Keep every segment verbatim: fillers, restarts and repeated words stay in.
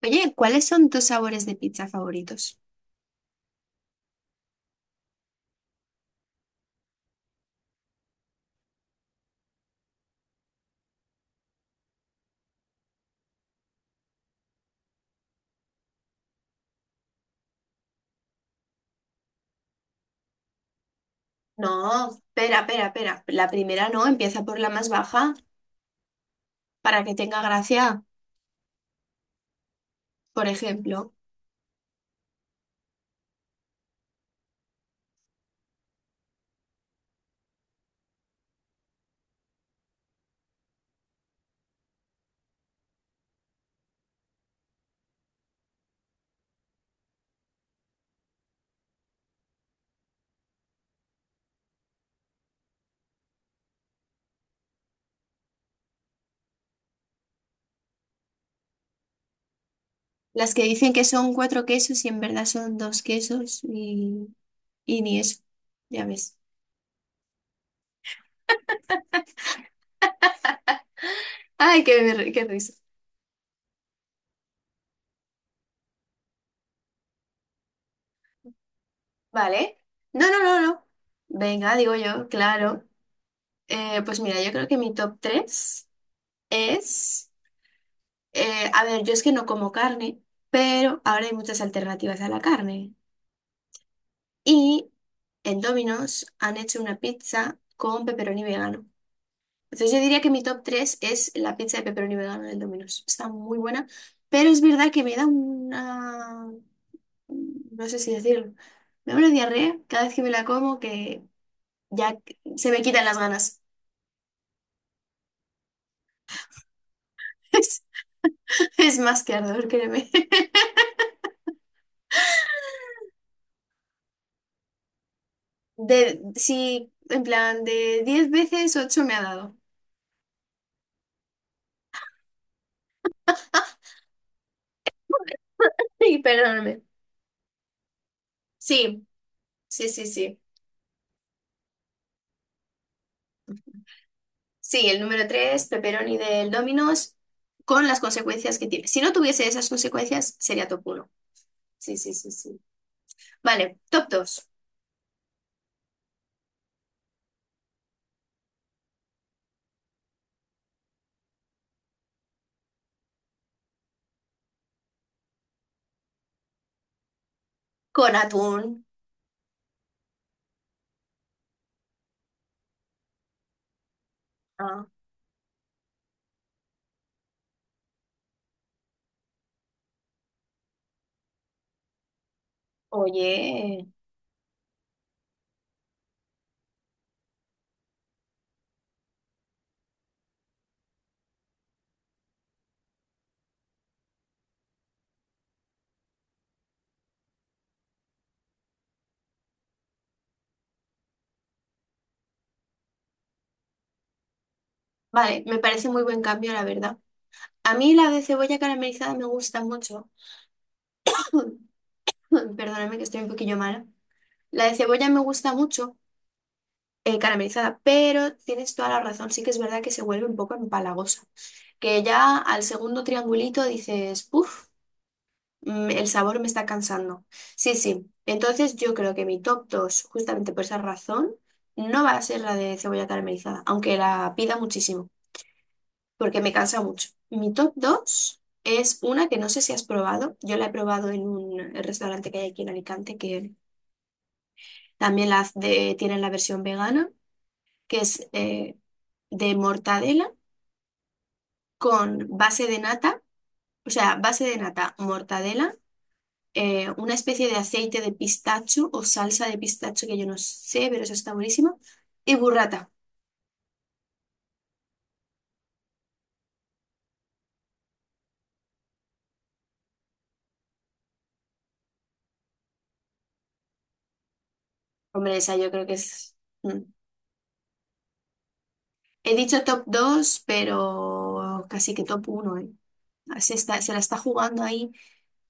Oye, ¿cuáles son tus sabores de pizza favoritos? No, espera, espera, espera. La primera no, empieza por la más baja para que tenga gracia. Por ejemplo, las que dicen que son cuatro quesos y en verdad son dos quesos y, y ni eso. Ya ves. Ay, qué, ri- qué risa. Vale. No, no, no, no. Venga, digo yo, claro. Eh, pues mira, yo creo que mi top tres es... eh, A ver, yo es que no como carne, pero ahora hay muchas alternativas a la carne. Y en Domino's han hecho una pizza con pepperoni vegano. Entonces yo diría que mi top tres es la pizza de pepperoni vegano del Domino's. Está muy buena, pero es verdad que me da una... no sé si decirlo. Me da una diarrea cada vez que me la como que ya se me quitan las ganas. Es, es más que ardor, créeme. De, sí, en plan, de diez veces ocho me ha dado. Sí, perdóname. Sí, sí, sí, sí. Sí, el número tres pepperoni del Domino's, con las consecuencias que tiene. Si no tuviese esas consecuencias, sería top uno. Sí, sí, sí, sí. Vale, top dos con atún. Ah, oye. Vale, me parece muy buen cambio, la verdad. A mí la de cebolla caramelizada me gusta mucho. Perdóname que estoy un poquillo mala. La de cebolla me gusta mucho, eh, caramelizada, pero tienes toda la razón. Sí que es verdad que se vuelve un poco empalagosa. Que ya al segundo triangulito dices, uff. Mm, el sabor me está cansando. Sí, sí. Entonces yo creo que mi top dos justamente por esa razón, no va a ser la de cebolla caramelizada, aunque la pida muchísimo, porque me cansa mucho. Mi top dos es una que no sé si has probado. Yo la he probado en un restaurante que hay aquí en Alicante, que también la hace- tienen la versión vegana, que es eh, de mortadela con base de nata, o sea, base de nata, mortadela, eh, una especie de aceite de pistacho o salsa de pistacho que yo no sé, pero eso está buenísimo. Y burrata. Hombre, esa yo creo que es... mm. He dicho top dos, pero casi que top uno, ¿eh? Ah, Se está, se la está jugando ahí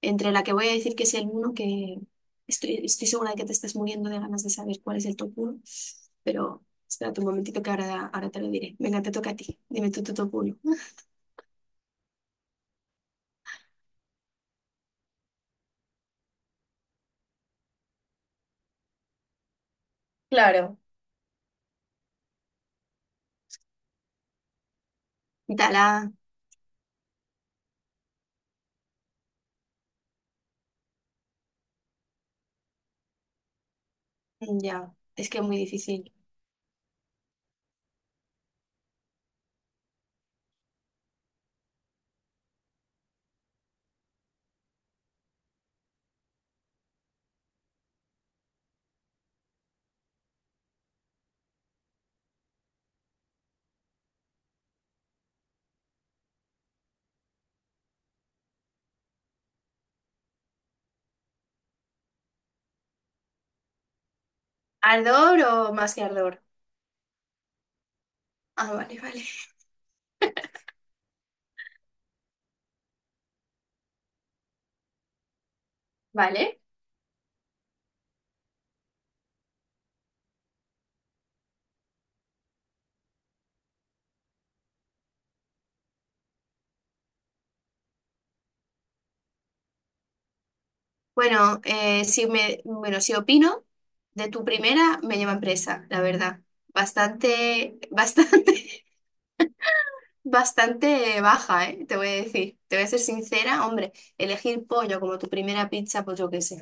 entre la que voy a decir que es el uno, que estoy, estoy segura de que te estás muriendo de ganas de saber cuál es el top uno, pero espérate un momentito, que ahora, ahora te lo diré. Venga, te toca a ti. Dime tú tu top uno. Claro. Dala, ya, es que es muy difícil. ¿Ardor o más que ardor? Ah, vale, vale. Vale. Bueno, eh, si me, bueno, si opino de tu primera, me llevan presa, la verdad. Bastante, bastante, bastante baja, ¿eh? Te voy a decir. Te voy a ser sincera, hombre, elegir pollo como tu primera pizza, pues yo qué sé.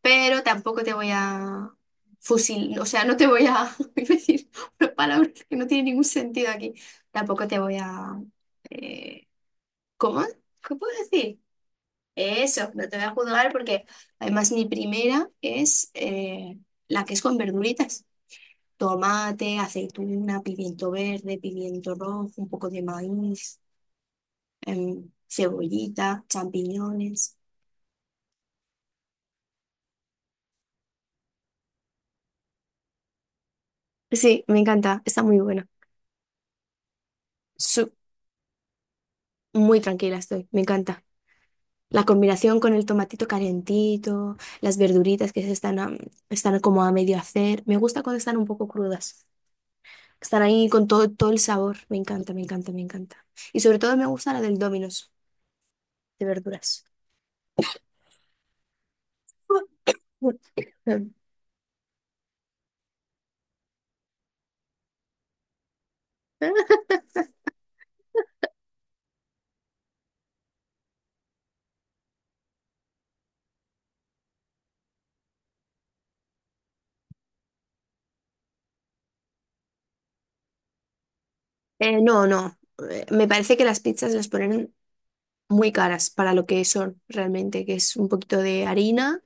Pero tampoco te voy a fusil, o sea, no te voy a iba a decir una palabra que no tiene ningún sentido aquí. Tampoco te voy a eh, ¿cómo? ¿Qué puedo decir? Eso, no te voy a juzgar porque además mi primera es eh, la que es con verduritas. Tomate, aceituna, pimiento verde, pimiento rojo, un poco de maíz, em, cebollita, champiñones. Sí, me encanta, está muy buena. Su- Muy tranquila estoy, me encanta. La combinación con el tomatito calentito, las verduritas que se están, a- están como a medio hacer, me gusta cuando están un poco crudas. Están ahí con todo, todo el sabor. Me encanta, me encanta, me encanta. Y sobre todo me gusta la del Domino's de verduras. Eh, no, no. Eh, Me parece que las pizzas las ponen muy caras para lo que son realmente, que es un poquito de harina.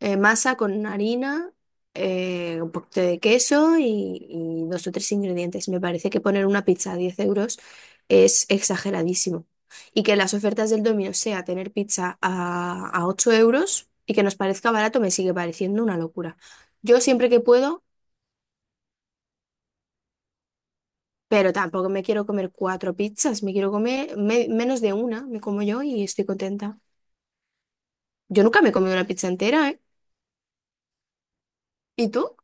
eh, Masa con harina, eh, un poquito de queso y, y dos o tres ingredientes. Me parece que poner una pizza a diez euros es exageradísimo. Y que las ofertas del Domino sea tener pizza a, a, ocho euros y que nos parezca barato me sigue pareciendo una locura. Yo siempre que puedo, pero tampoco me quiero comer cuatro pizzas, me quiero comer me- menos de una, me como yo y estoy contenta. Yo nunca me he comido una pizza entera, ¿eh? ¿Y tú?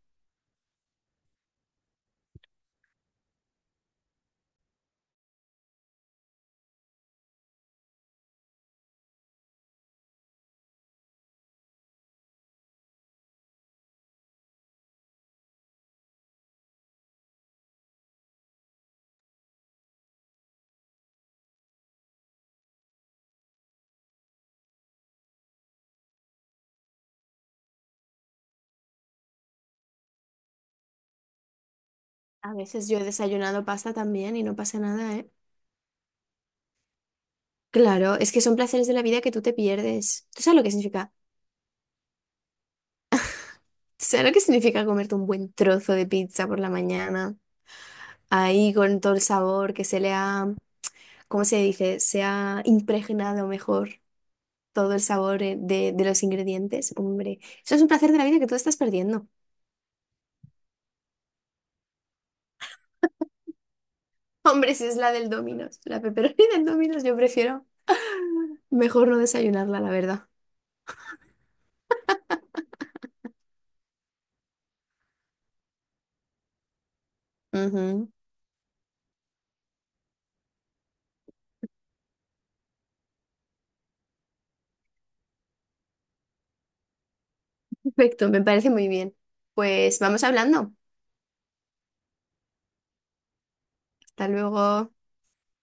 A veces yo he desayunado pasta también y no pasa nada. Claro, es que son placeres de la vida que tú te pierdes. ¿Tú sabes lo que significa? ¿Tú sabes lo que significa comerte un buen trozo de pizza por la mañana? Ahí con todo el sabor que se le ha, ¿cómo se dice? Se ha impregnado mejor todo el sabor, eh, de, de los ingredientes. Hombre, eso es un placer de la vida que tú estás perdiendo. Hombre, si es la del Domino's, la pepperoni del Domino's, yo prefiero mejor no desayunarla, la verdad. Ujú. Perfecto, me parece muy bien. Pues vamos hablando. Hasta luego.